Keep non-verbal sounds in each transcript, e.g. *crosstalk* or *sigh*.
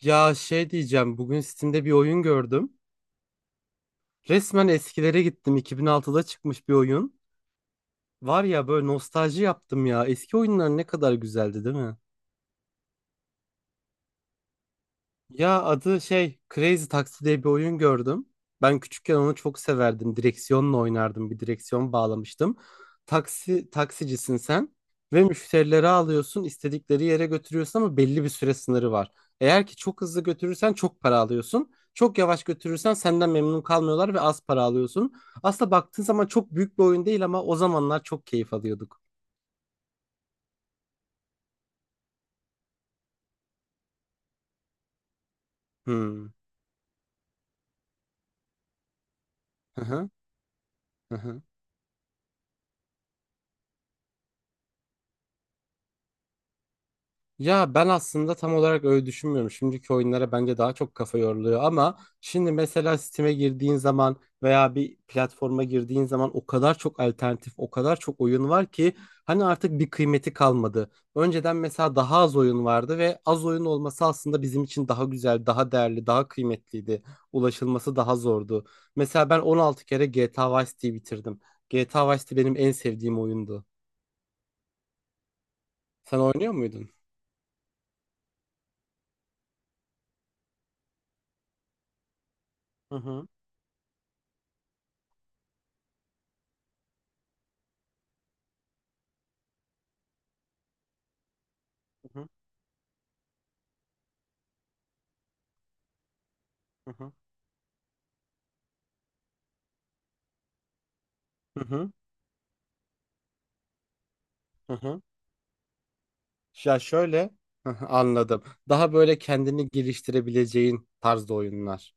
Ya şey diyeceğim, bugün Steam'de bir oyun gördüm. Resmen eskilere gittim. 2006'da çıkmış bir oyun. Var ya böyle nostalji yaptım ya. Eski oyunlar ne kadar güzeldi, değil mi? Ya adı şey Crazy Taxi diye bir oyun gördüm. Ben küçükken onu çok severdim. Direksiyonla oynardım. Bir direksiyon bağlamıştım. Taksi taksicisin sen ve müşterileri alıyorsun, istedikleri yere götürüyorsun ama belli bir süre sınırı var. Eğer ki çok hızlı götürürsen çok para alıyorsun. Çok yavaş götürürsen senden memnun kalmıyorlar ve az para alıyorsun. Aslında baktığın zaman çok büyük bir oyun değil ama o zamanlar çok keyif alıyorduk. Hmm. Hı hı. Hı hı. Ya ben aslında tam olarak öyle düşünmüyorum. Şimdiki oyunlara bence daha çok kafa yoruluyor ama şimdi mesela Steam'e girdiğin zaman veya bir platforma girdiğin zaman o kadar çok alternatif, o kadar çok oyun var ki hani artık bir kıymeti kalmadı. Önceden mesela daha az oyun vardı ve az oyun olması aslında bizim için daha güzel, daha değerli, daha kıymetliydi. Ulaşılması daha zordu. Mesela ben 16 kere GTA Vice City'yi bitirdim. GTA Vice City benim en sevdiğim oyundu. Sen oynuyor muydun? Hı hı. Hı hı. Hı hı. Hı hı. Hı hı. Ya şöyle. Hı hı, anladım. Daha böyle kendini geliştirebileceğin tarzda oyunlar.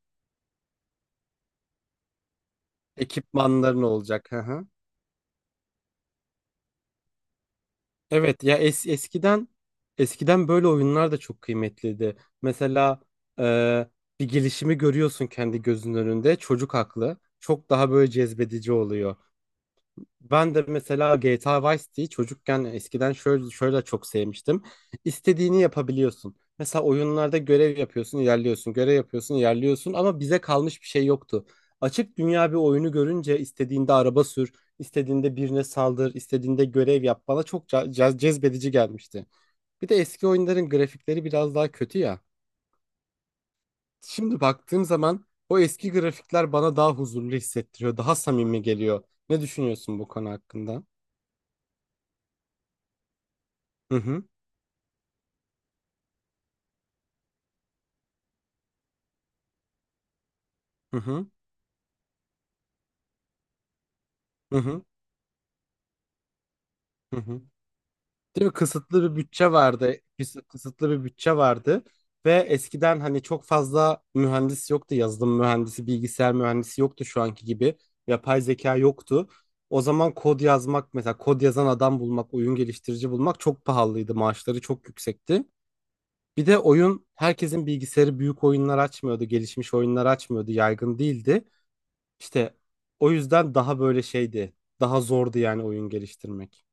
Ekipmanların olacak. Hı hı. Evet ya es eskiden eskiden böyle oyunlar da çok kıymetliydi. Mesela e, bir gelişimi görüyorsun kendi gözünün önünde. Çocuk aklı çok daha böyle cezbedici oluyor. Ben de mesela GTA Vice City'yi çocukken eskiden şöyle çok sevmiştim. İstediğini yapabiliyorsun. Mesela oyunlarda görev yapıyorsun, ilerliyorsun, görev yapıyorsun, ilerliyorsun ama bize kalmış bir şey yoktu. Açık dünya bir oyunu görünce istediğinde araba sür, istediğinde birine saldır, istediğinde görev yap bana çok cezbedici gelmişti. Bir de eski oyunların grafikleri biraz daha kötü ya. Şimdi baktığım zaman o eski grafikler bana daha huzurlu hissettiriyor, daha samimi geliyor. Ne düşünüyorsun bu konu hakkında? Hı hı. Hı hı. Hı hı. Hı hı. Değil mi? Kısıtlı bir bütçe vardı. Kısıtlı bir bütçe vardı. Ve eskiden hani çok fazla mühendis yoktu. Yazılım mühendisi, bilgisayar mühendisi yoktu şu anki gibi. Yapay zeka yoktu. O zaman kod yazmak mesela kod yazan adam bulmak, oyun geliştirici bulmak çok pahalıydı. Maaşları çok yüksekti. Bir de oyun herkesin bilgisayarı büyük oyunlar açmıyordu. Gelişmiş oyunlar açmıyordu. Yaygın değildi. İşte o yüzden daha böyle şeydi. Daha zordu yani oyun geliştirmek.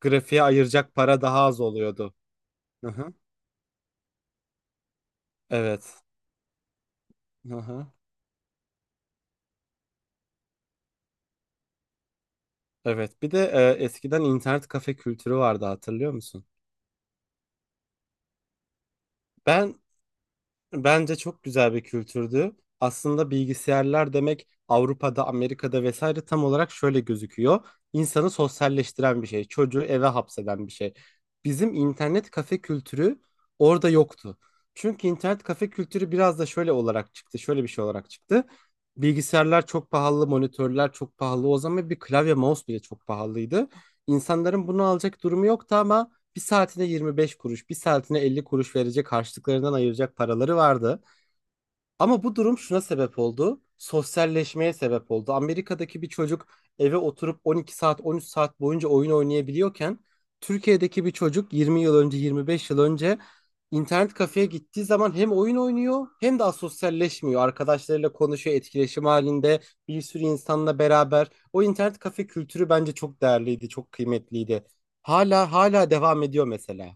Grafiğe ayıracak para daha az oluyordu. Hı-hı. Evet. Hı-hı. Evet. Bir de eskiden internet kafe kültürü vardı, hatırlıyor musun? Ben. Bence çok güzel bir kültürdü. Aslında bilgisayarlar demek Avrupa'da, Amerika'da vesaire tam olarak şöyle gözüküyor. İnsanı sosyalleştiren bir şey, çocuğu eve hapseden bir şey. Bizim internet kafe kültürü orada yoktu. Çünkü internet kafe kültürü biraz da şöyle olarak çıktı, şöyle bir şey olarak çıktı. Bilgisayarlar çok pahalı, monitörler çok pahalı. O zaman bir klavye, mouse bile çok pahalıydı. İnsanların bunu alacak durumu yoktu ama bir saatine 25 kuruş, bir saatine 50 kuruş verecek harçlıklarından ayıracak paraları vardı. Ama bu durum şuna sebep oldu. Sosyalleşmeye sebep oldu. Amerika'daki bir çocuk eve oturup 12 saat, 13 saat boyunca oyun oynayabiliyorken Türkiye'deki bir çocuk 20 yıl önce, 25 yıl önce internet kafeye gittiği zaman hem oyun oynuyor hem de sosyalleşmiyor. Arkadaşlarıyla konuşuyor, etkileşim halinde bir sürü insanla beraber. O internet kafe kültürü bence çok değerliydi, çok kıymetliydi. Hala devam ediyor mesela.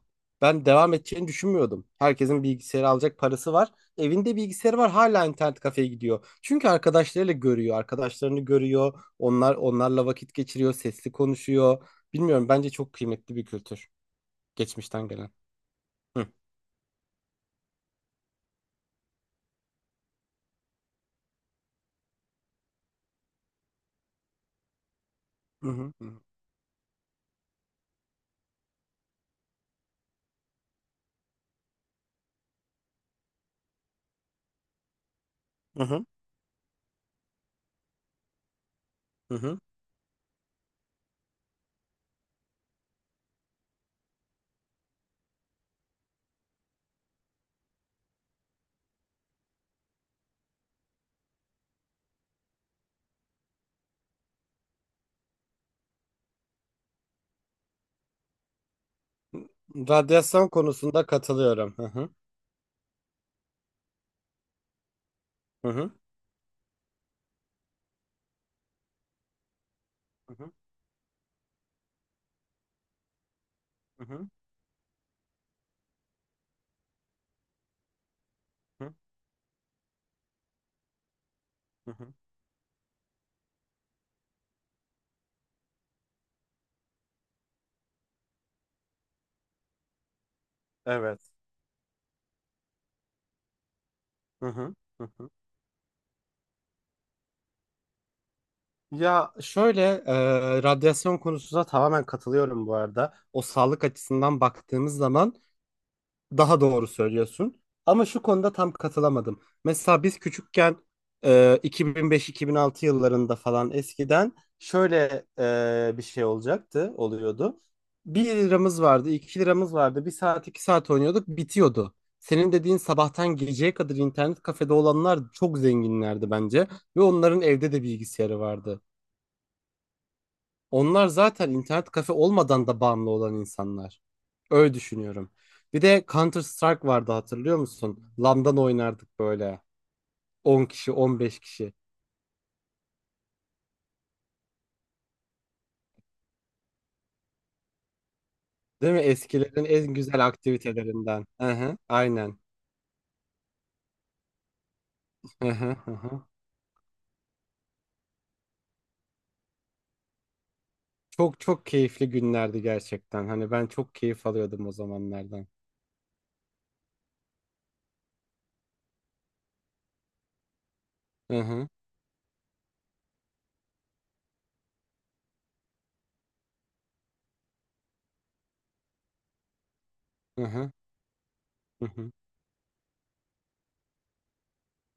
Ben devam edeceğini düşünmüyordum. Herkesin bilgisayarı alacak parası var, evinde bilgisayarı var, hala internet kafeye gidiyor. Çünkü arkadaşlarıyla görüyor, arkadaşlarını görüyor. Onlarla vakit geçiriyor, sesli konuşuyor. Bilmiyorum, bence çok kıymetli bir kültür, geçmişten gelen. Hı. Hı hı. Hı hı. Hı hı. Radyasyon konusunda katılıyorum. Hı hı. Hı hı. Hı hı. Hı hı. Hı hı. Evet. Hı hı. Hı hı. Ya şöyle radyasyon konusunda tamamen katılıyorum bu arada. O, sağlık açısından baktığımız zaman daha doğru söylüyorsun. Ama şu konuda tam katılamadım. Mesela biz küçükken e, 2005-2006 yıllarında falan eskiden şöyle bir şey olacaktı, oluyordu. Bir liramız vardı, 2 liramız vardı. Bir saat, 2 saat oynuyorduk, bitiyordu. Senin dediğin sabahtan geceye kadar internet kafede olanlar çok zenginlerdi bence. Ve onların evde de bilgisayarı vardı. Onlar zaten internet kafe olmadan da bağımlı olan insanlar. Öyle düşünüyorum. Bir de Counter Strike vardı, hatırlıyor musun? LAN'dan oynardık böyle. 10 kişi, 15 kişi. Değil mi? Eskilerin en güzel aktivitelerinden. Hı hı, aynen. Hı hı, hı hı. Çok çok keyifli günlerdi gerçekten. Hani ben çok keyif alıyordum o zamanlardan. Hı hı, hı hı, hı hı.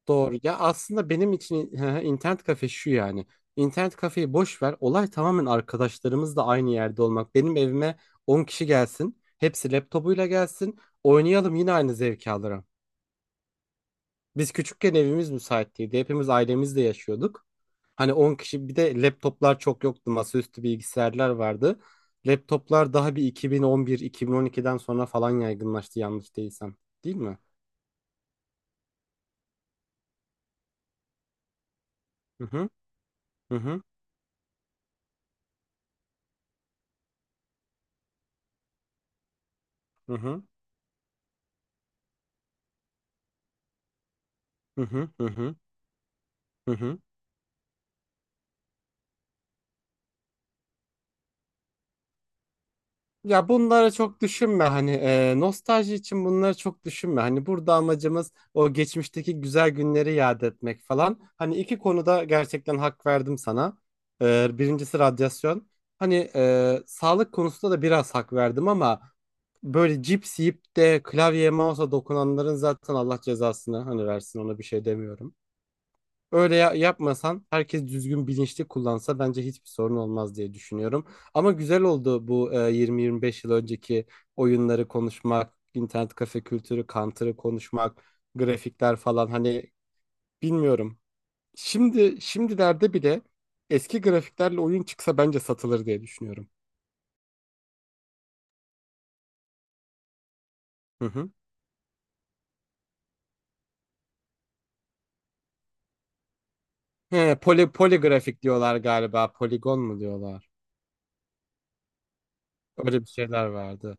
Doğru. Ya aslında benim için *laughs* hı hı, internet kafe şu yani. İnternet kafeyi boş ver. Olay tamamen arkadaşlarımızla aynı yerde olmak. Benim evime 10 kişi gelsin. Hepsi laptopuyla gelsin. Oynayalım, yine aynı zevki alırım. Biz küçükken evimiz müsait değildi. Hepimiz ailemizle yaşıyorduk. Hani 10 kişi, bir de laptoplar çok yoktu. Masaüstü bilgisayarlar vardı. Laptoplar daha bir 2011-2012'den sonra falan yaygınlaştı, yanlış değilsem. Değil mi? Hı hı, hı hı, hı hı, hı hı, hı hı. Hı Ya bunları çok düşünme, hani nostalji için bunları çok düşünme. Hani burada amacımız o geçmişteki güzel günleri yad etmek falan. Hani iki konuda gerçekten hak verdim sana. Birincisi radyasyon. Hani sağlık konusunda da biraz hak verdim ama böyle cips yiyip de klavyeye mouse'a dokunanların zaten Allah cezasını hani versin ona bir şey demiyorum. Öyle yapmasan, herkes düzgün bilinçli kullansa bence hiçbir sorun olmaz diye düşünüyorum. Ama güzel oldu bu 20-25 yıl önceki oyunları konuşmak, internet kafe kültürü, Counter'ı konuşmak, grafikler falan, hani bilmiyorum. Şimdi şimdilerde bile eski grafiklerle oyun çıksa bence satılır diye düşünüyorum. Hı hı. He, poligrafik diyorlar galiba, poligon mu diyorlar? Öyle bir şeyler vardı.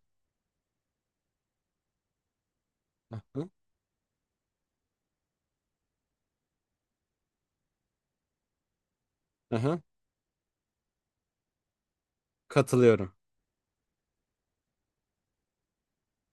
Hı hı. Hı hı. Katılıyorum.